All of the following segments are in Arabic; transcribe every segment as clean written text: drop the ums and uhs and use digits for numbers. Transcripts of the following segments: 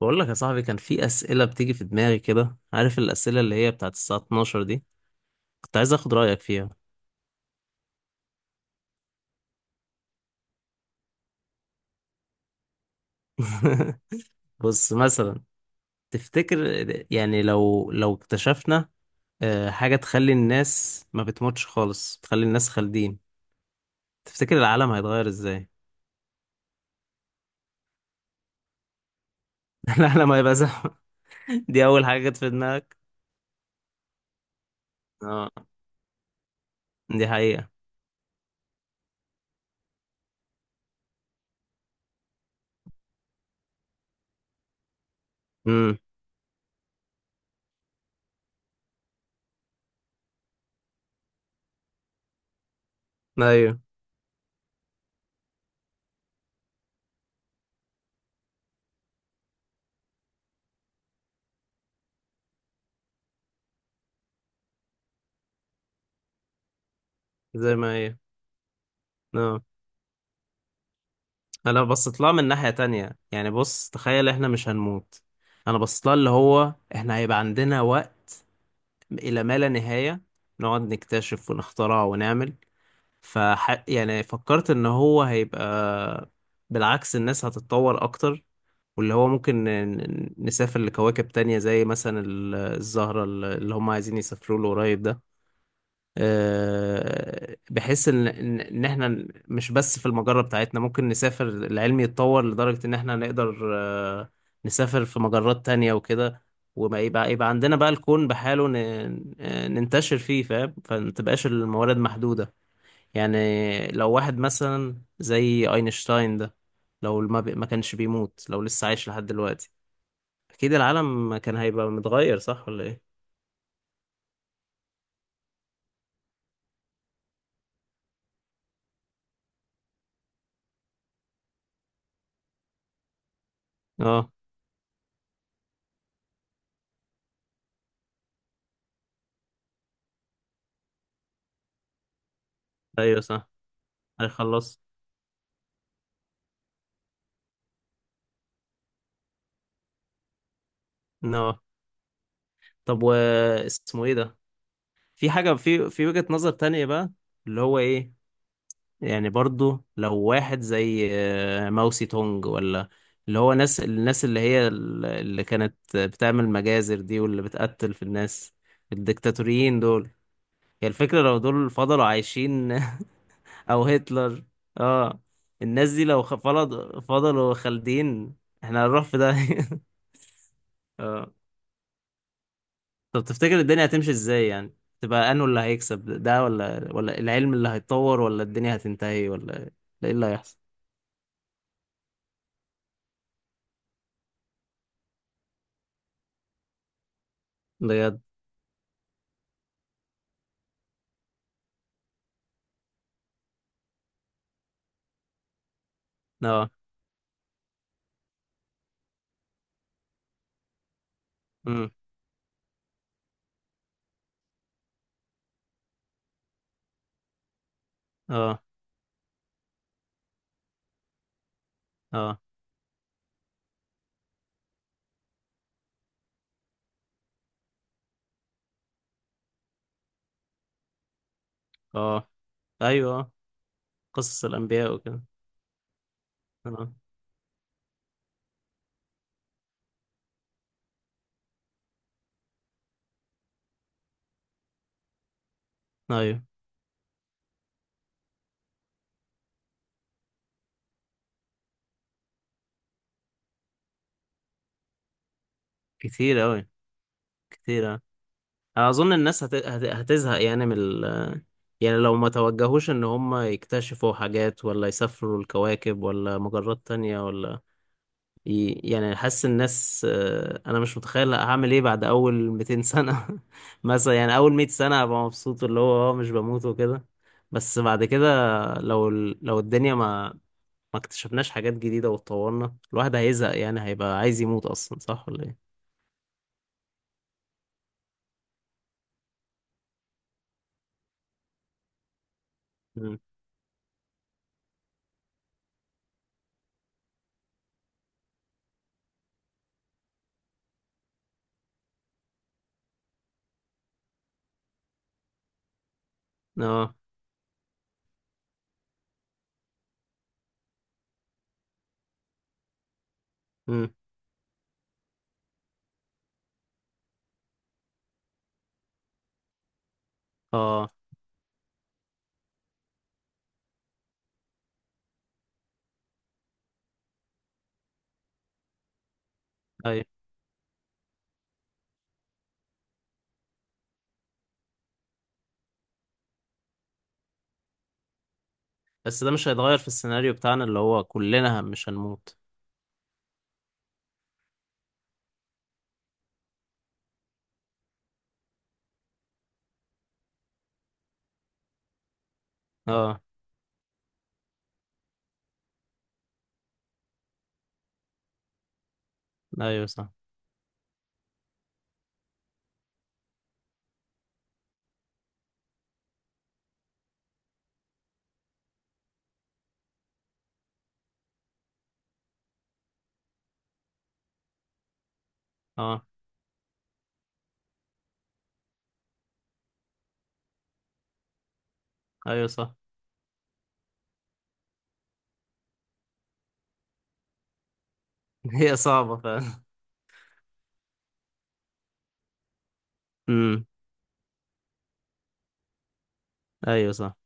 بقول لك يا صاحبي، كان في أسئلة بتيجي في دماغي كده، عارف الأسئلة اللي هي بتاعت الساعة 12 دي. كنت عايز أخد رأيك فيها. بص مثلا، تفتكر يعني لو اكتشفنا حاجة تخلي الناس ما بتموتش خالص، تخلي الناس خالدين، تفتكر العالم هيتغير إزاي؟ العالم هيبقى زحمة. دي أول حاجة جت في دماغك. اه، دي حقيقة. امم. أيوه، زي ما هي. اه. انا لو بصيت لها من ناحية تانية، يعني بص تخيل احنا مش هنموت. انا بصيت لها اللي هو احنا هيبقى عندنا وقت الى ما لا نهاية، نقعد نكتشف ونخترع ونعمل. يعني فكرت ان هو هيبقى بالعكس، الناس هتتطور اكتر، واللي هو ممكن نسافر لكواكب تانية، زي مثلا الزهرة اللي هم عايزين يسافروا له قريب ده. بحيث ان ان إن احنا مش بس في المجرة بتاعتنا، ممكن نسافر، العلم يتطور لدرجة ان احنا نقدر، نسافر في مجرات تانية وكده. وما يبقى عندنا بقى الكون بحاله. ننتشر فيه، فاهم؟ فما تبقاش الموارد محدودة. يعني لو واحد مثلا زي اينشتاين ده، لو ما كانش بيموت، لو لسه عايش لحد دلوقتي، اكيد العالم كان هيبقى متغير. صح ولا ايه؟ اه، ايوه صح. هيخلص. No. طب، و اسمه ايه ده؟ في حاجة، في وجهة نظر تانية بقى، اللي هو ايه؟ يعني برضو لو واحد زي ماوسي تونج، ولا اللي هو الناس اللي هي اللي كانت بتعمل مجازر دي، واللي بتقتل في الناس، الدكتاتوريين دول، هي الفكرة لو دول فضلوا عايشين. او هتلر. اه. الناس دي لو فضلوا خالدين، احنا هنروح في ده. اه. طب، تفتكر الدنيا هتمشي ازاي يعني؟ تبقى انه اللي هيكسب ده، ولا العلم اللي هيتطور، ولا الدنيا هتنتهي، ولا ايه اللي هيحصل؟ بجد؟ اه. امم. اه. اه. اه. ايوه. آه. قصص الانبياء وكده. اه. ايوه. كتير اوي. كتير أوي. انا اظن الناس هتزهق يعني يعني لو ما توجهوش ان هم يكتشفوا حاجات، ولا يسافروا الكواكب، ولا مجرات تانية، ولا يعني حاسس الناس، انا مش متخيل هعمل ايه بعد اول 200 سنة. مثلا، يعني اول 100 سنة هبقى مبسوط اللي هو اه مش بموت وكده، بس بعد كده لو لو الدنيا ما اكتشفناش حاجات جديدة واتطورنا، الواحد هيزهق، يعني هيبقى عايز يموت اصلا. صح ولا ايه؟ مم. اه. مم. اه. ايوه، بس ده مش هيتغير في السيناريو بتاعنا اللي هو كلنا مش هنموت. اه، ايوه صح. اه، ايوه صح. هي صعبة فعلا. امم. ايوه صح.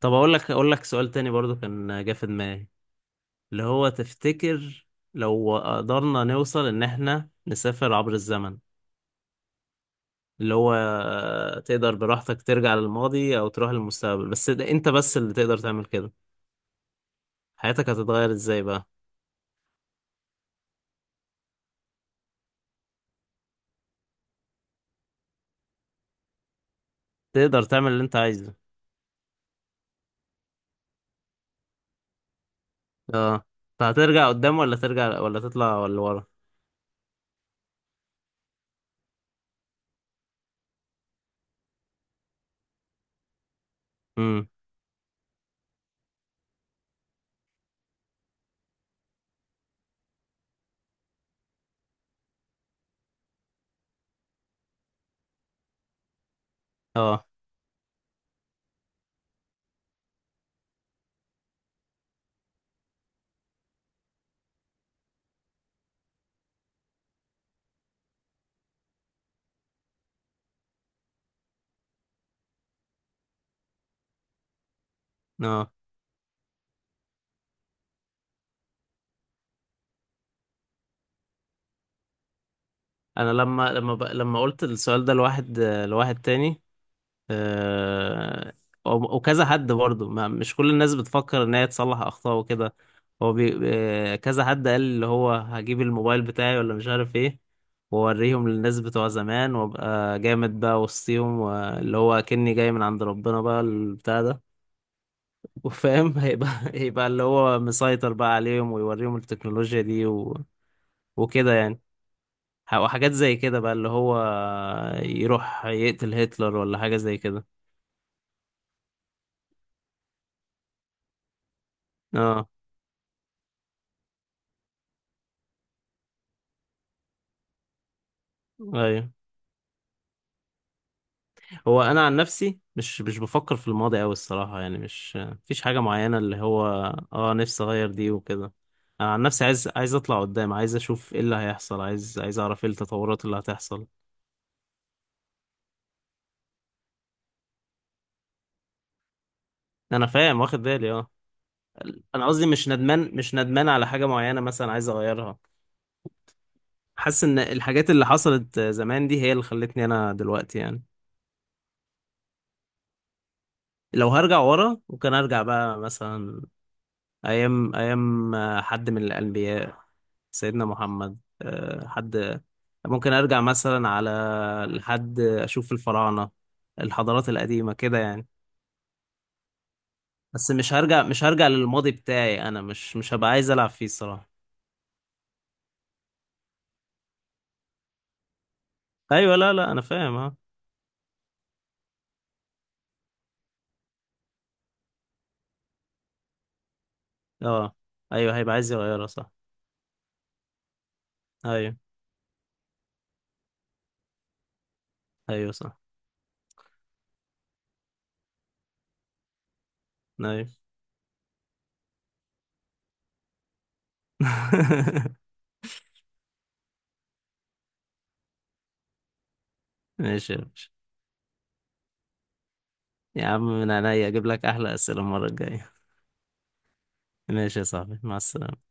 طب، اقول لك سؤال تاني برضو كان جه في دماغي اللي هو، تفتكر لو قدرنا نوصل ان احنا نسافر عبر الزمن، اللي هو تقدر براحتك ترجع للماضي او تروح للمستقبل، بس ده انت بس اللي تقدر تعمل كده، حياتك هتتغير ازاي بقى؟ تقدر تعمل اللي انت عايزه. اه. فهترجع قدام، ولا ترجع، ولا تطلع، ولا ورا؟ امم. اه. اه. انا لما قلت السؤال ده لواحد تاني، آه، وكذا حد برضه، مش كل الناس بتفكر ان هي تصلح اخطاء وكده، هو بي... آه، كذا حد قال اللي هو هجيب الموبايل بتاعي ولا مش عارف ايه، واوريهم للناس بتوع زمان، وابقى جامد بقى وسطيهم، واللي هو كني جاي من عند ربنا بقى البتاع ده، وفاهم، هيبقى اللي هو مسيطر بقى عليهم، ويوريهم التكنولوجيا دي وكده يعني، وحاجات زي كده بقى اللي هو يروح يقتل هتلر، ولا حاجة زي كده. اه، ايوه. هو انا عن نفسي مش بفكر في الماضي قوي الصراحه، يعني مش مفيش حاجه معينه اللي هو اه نفسي اغير دي وكده، انا عن نفسي عايز اطلع قدام، عايز اشوف ايه اللي هيحصل، عايز اعرف ايه التطورات اللي هتحصل. انا فاهم واخد بالي. اه. انا قصدي مش ندمان على حاجه معينه مثلا عايز اغيرها، حاسس ان الحاجات اللي حصلت زمان دي هي اللي خلتني انا دلوقتي يعني. لو هرجع ورا وكان ارجع بقى، مثلا أيام أيام حد من الأنبياء، سيدنا محمد حد ممكن أرجع مثلا على، لحد أشوف الفراعنة، الحضارات القديمة كده يعني. بس مش هرجع للماضي بتاعي، أنا مش هبقى عايز ألعب فيه الصراحة. أيوة. لا لا، أنا فاهم. أه. أه. أيوة، هيبقى عايز يغيرها صح. أيوة، أيوة صح. أيوة. ماشي يا باشا. يا عم من عينيا أجيب لك أحلى أسئلة المرة الجاية. ماشي يا صاحبي، مع السلامة.